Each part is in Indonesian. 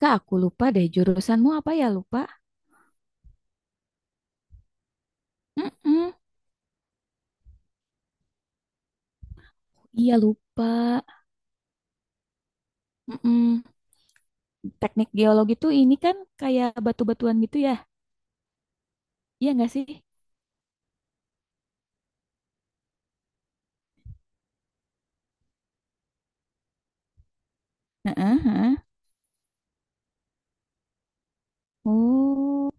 Kak, aku lupa deh jurusanmu apa ya lupa? Mm-mm. Iya lupa. Mm-mm. Teknik geologi tuh ini kan kayak batu-batuan gitu ya? Iya nggak sih? Heeh, heeh. Oh.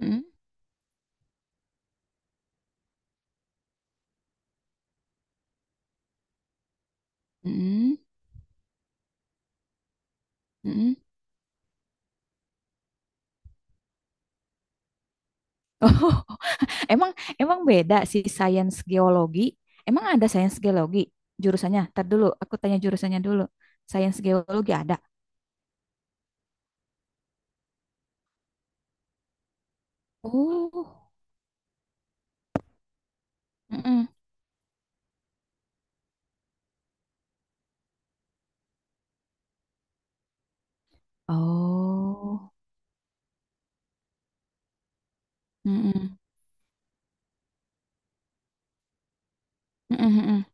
Mm, mm, mm. Oh, emang emang beda sih sains geologi. Emang ada sains geologi jurusannya? Ntar dulu, aku tanya jurusannya dulu. Sains geologi ada. Oh, mm-mm. Oh, mm-mm. Mm-mm, mm-mm,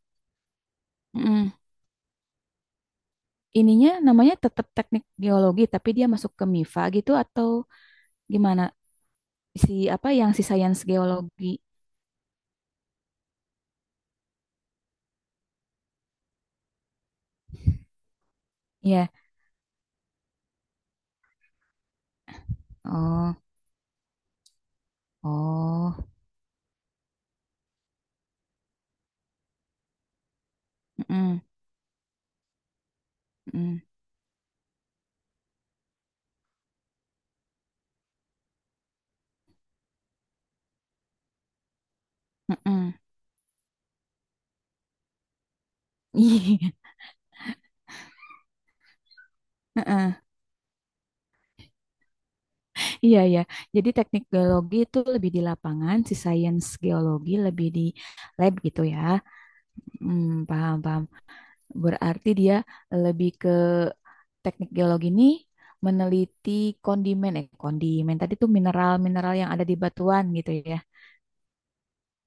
mm-mm. Ininya namanya tetap teknik geologi, tapi dia masuk ke MIFA gitu atau gimana? Si apa yang si sains geologi? Iya. Oh, oh. Mm-mm, mm-mm, mm-mm. Iya, heeh. Iya. Iya. Jadi teknik geologi itu lebih di lapangan, si sains geologi lebih di lab gitu ya. Hmm, paham, paham. Berarti dia lebih ke teknik geologi ini meneliti kondimen, kondimen tadi tuh mineral-mineral yang ada di batuan gitu ya.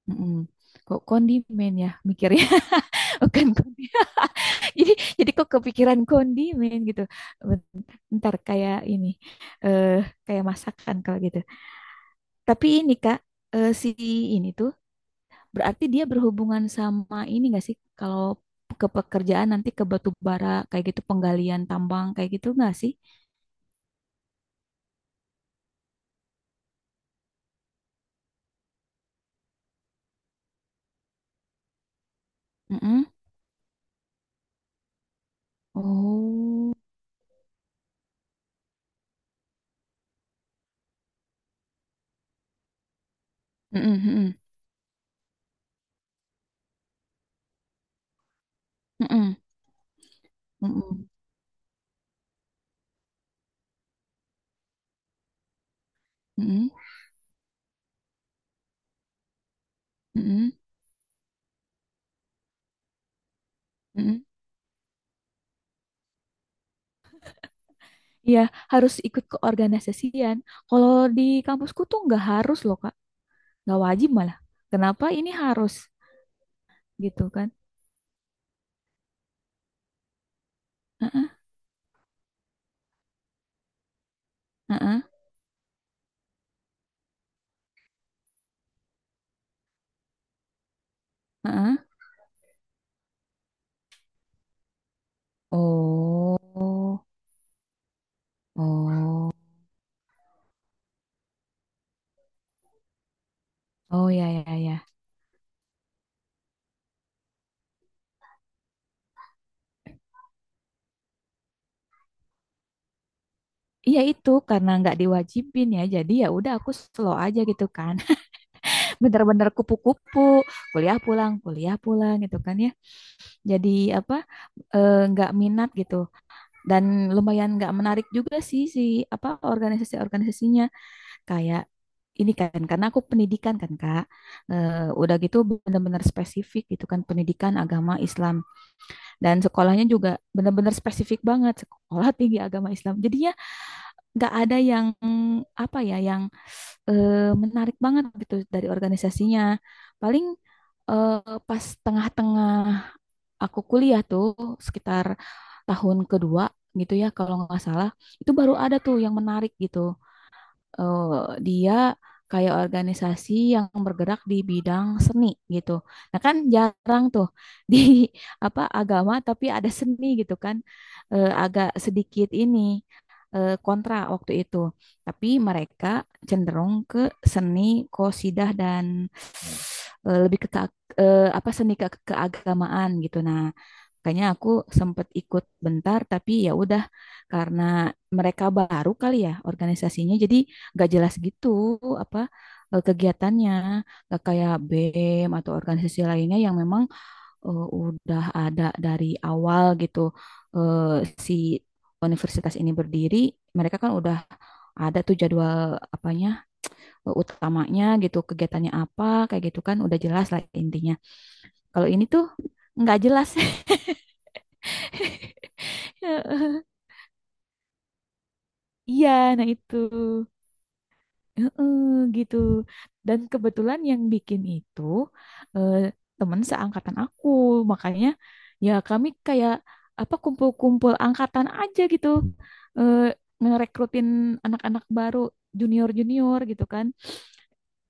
Mm-mm. Kok kondimen ya mikirnya bukan kondimen. Jadi jadi kok kepikiran kondimen gitu. Bent- Bentar kayak ini eh kayak masakan kalau gitu. Tapi ini Kak, si ini tuh berarti dia berhubungan sama ini nggak sih kalau ke pekerjaan nanti ke batu bara kayak gitu penggalian tambang kayak gitu nggak sih? Mm-mm. Oh. Mm-mm, mm-mm, mm-mm, mm-mm, mm-mm, mm-mm, mm-mm. Iya, harus ikut keorganisasian. Kalau di kampusku tuh nggak harus loh, Kak. Nggak wajib malah. Kenapa ini harus gitu kan? Heeh, heeh, heeh. Oh, oh, oh ya ya ya. Iya itu karena nggak diwajibin ya. Jadi ya udah aku slow aja gitu kan. Bener-bener kupu-kupu, kuliah pulang gitu kan ya. Jadi apa? Nggak minat gitu. Dan lumayan nggak menarik juga sih, si apa organisasi-organisasinya kayak ini kan karena aku pendidikan kan Kak. Udah gitu benar-benar spesifik gitu kan pendidikan agama Islam dan sekolahnya juga benar-benar spesifik banget sekolah tinggi agama Islam jadinya nggak ada yang apa ya yang menarik banget gitu dari organisasinya, paling pas tengah-tengah aku kuliah tuh sekitar tahun kedua gitu ya kalau nggak salah, itu baru ada tuh yang menarik gitu, eh, dia kayak organisasi yang bergerak di bidang seni gitu. Nah kan jarang tuh di apa agama tapi ada seni gitu kan. Agak sedikit ini kontra waktu itu. Tapi mereka cenderung ke seni qosidah dan lebih ke, apa seni ke keagamaan gitu. Nah, kayaknya aku sempat ikut bentar tapi ya udah karena mereka baru kali ya organisasinya jadi gak jelas gitu apa kegiatannya, gak kayak BEM atau organisasi lainnya yang memang udah ada dari awal gitu. Si universitas ini berdiri mereka kan udah ada tuh jadwal apanya utamanya gitu, kegiatannya apa, kayak gitu kan udah jelas lah intinya. Kalau ini tuh nggak jelas. Iya, nah itu. Heeh, gitu. Dan kebetulan yang bikin itu eh, temen seangkatan aku. Makanya ya kami kayak apa kumpul-kumpul angkatan aja gitu. Eh, Ngerekrutin anak-anak baru, junior-junior gitu kan.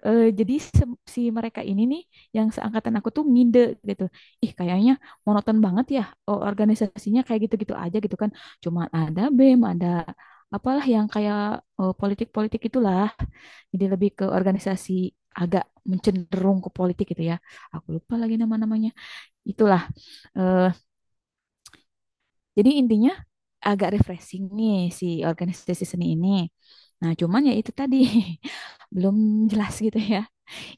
Jadi si mereka ini nih yang seangkatan aku tuh ngide gitu. Ih kayaknya monoton banget ya organisasinya kayak gitu-gitu aja gitu kan. Cuma ada BEM, ada apalah yang kayak politik-politik itulah. Jadi lebih ke organisasi agak mencenderung ke politik gitu ya. Aku lupa lagi nama-namanya. Itulah. eh, jadi intinya agak refreshing nih si organisasi seni ini. Nah, cuman ya itu tadi belum jelas gitu ya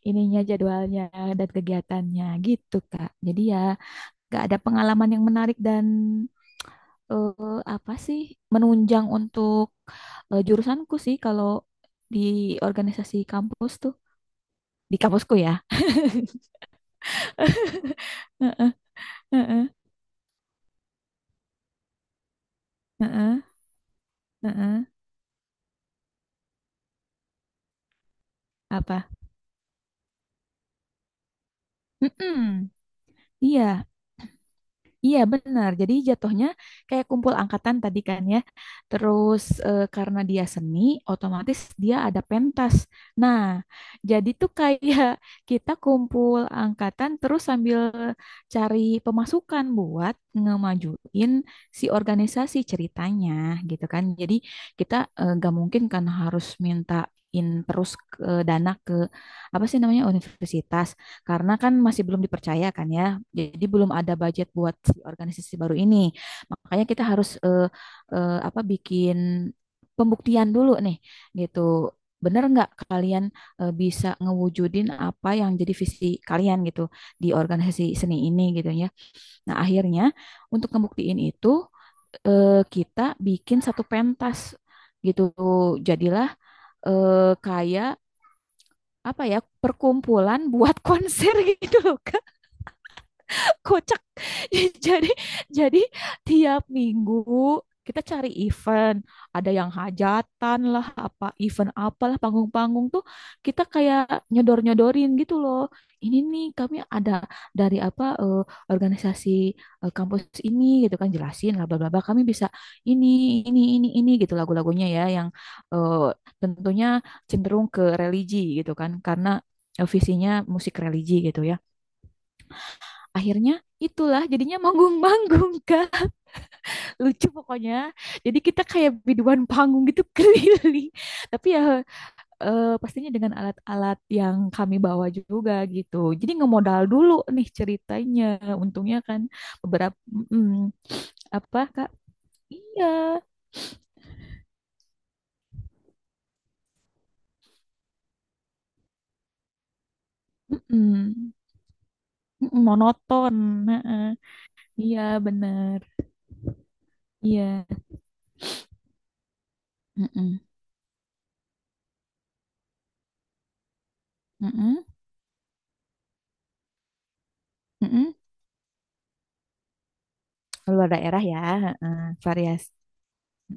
ininya jadwalnya dan kegiatannya gitu Kak. Jadi ya nggak ada pengalaman yang menarik dan apa sih menunjang untuk jurusanku sih kalau di organisasi kampus tuh di kampusku ya. Heeh, heeh, heeh. Apa? Mm-mm. Iya, iya benar. Jadi jatuhnya kayak kumpul angkatan tadi kan ya. Terus karena dia seni, otomatis dia ada pentas. Nah, jadi tuh kayak kita kumpul angkatan terus sambil cari pemasukan buat ngemajuin si organisasi ceritanya gitu kan. Jadi kita, gak mungkin kan harus mintain terus ke dana ke apa sih namanya universitas. Karena kan masih belum dipercaya kan ya. Jadi belum ada budget buat si organisasi baru ini. Makanya kita harus, apa, bikin pembuktian dulu nih gitu. Bener nggak kalian bisa ngewujudin apa yang jadi visi kalian gitu di organisasi seni ini gitu ya. Nah, akhirnya untuk ngebuktiin itu kita bikin satu pentas gitu. Jadilah kayak apa ya perkumpulan buat konser gitu loh Kak. Kocak. jadi jadi tiap minggu kita cari event, ada yang hajatan lah apa event apalah panggung-panggung tuh, kita kayak nyodor-nyodorin gitu loh, ini nih kami ada dari apa organisasi kampus ini gitu kan, jelasin lah bla bla bla kami bisa ini ini gitu, lagu-lagunya ya yang eh, tentunya cenderung ke religi gitu kan karena visinya musik religi gitu ya, akhirnya itulah jadinya manggung-manggung Kak. Lucu pokoknya. Jadi kita kayak biduan panggung gitu keliling. Tapi ya pastinya dengan alat-alat yang kami bawa juga gitu. Jadi ngemodal dulu nih ceritanya. Untungnya kan beberapa mm, apa Kak? Iya. Mm-mm, mm-mm, monoton. Heeh. Iya benar. Iya. Mm-mm, mm-mm, mm-mm. Luar daerah ya. Heeh, Varias.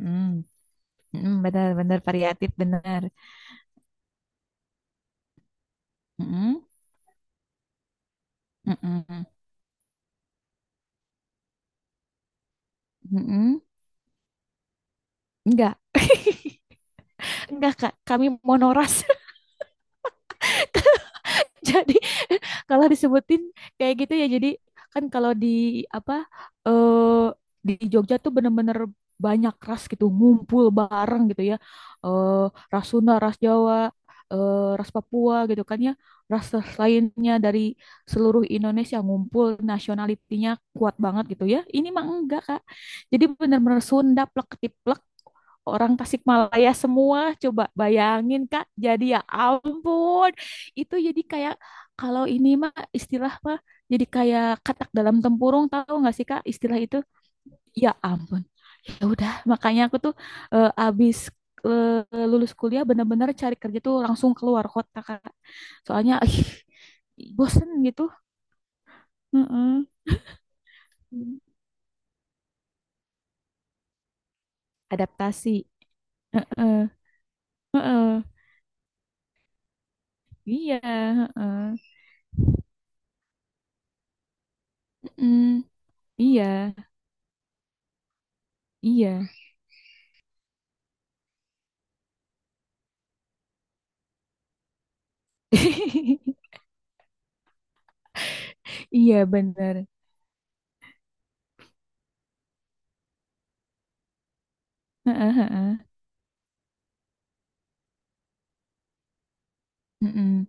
Mm. Mm-mm, benar, benar variatif, benar. Mm-mm, mm-mm, mm-mm. Enggak, enggak Kak, kami monoras. Jadi kalau disebutin kayak gitu ya, jadi kan kalau di apa eh di Jogja tuh bener-bener banyak ras gitu ngumpul bareng gitu ya, eh ras Sunda, ras Jawa, ras Papua gitu kan ya, ras lainnya dari seluruh Indonesia ngumpul, nasionalitinya kuat banget gitu ya. Ini mah enggak Kak, jadi bener-bener Sunda plek ketiplek, orang Tasikmalaya semua, coba bayangin Kak, jadi ya ampun. Itu jadi kayak, kalau ini mah istilah mah, jadi kayak katak dalam tempurung, tahu nggak sih Kak istilah itu. Ya ampun. Ya udah, makanya aku tuh abis lulus kuliah bener-bener cari kerja tuh langsung keluar kota Kak, soalnya ih, bosen gitu. Heeh. Adaptasi. Heeh. Heeh. Iya, heeh. Mm-mm. Iya, iya. Iya bener. Heeh, heeh. Mm-mm.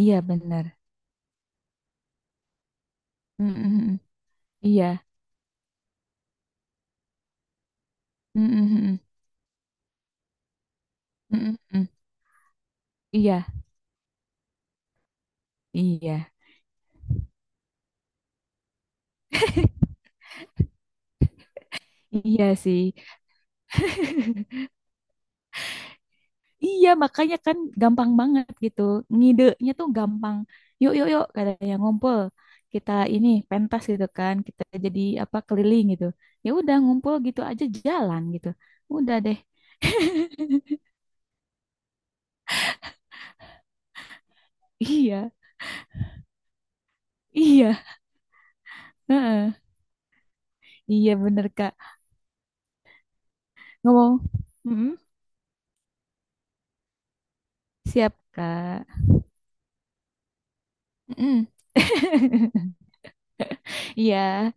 Iya bener. Mhm, mhm. Iya. Mhm, mhm. Mhm, mhm. Iya, iya. Iya sih. Iya, makanya kan gampang banget gitu. Ngidenya tuh gampang. Yuk, yuk, yuk, katanya ngumpul. Kita ini pentas gitu kan. Kita jadi apa keliling gitu. Ya udah ngumpul gitu aja jalan gitu. Udah deh. Iya, iya. Heeh. Iya bener Kak. Ngomong. Mm-mm. Siap Kak. Mm-mm. Iya,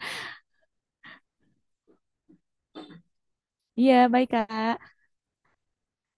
iya baik Kak.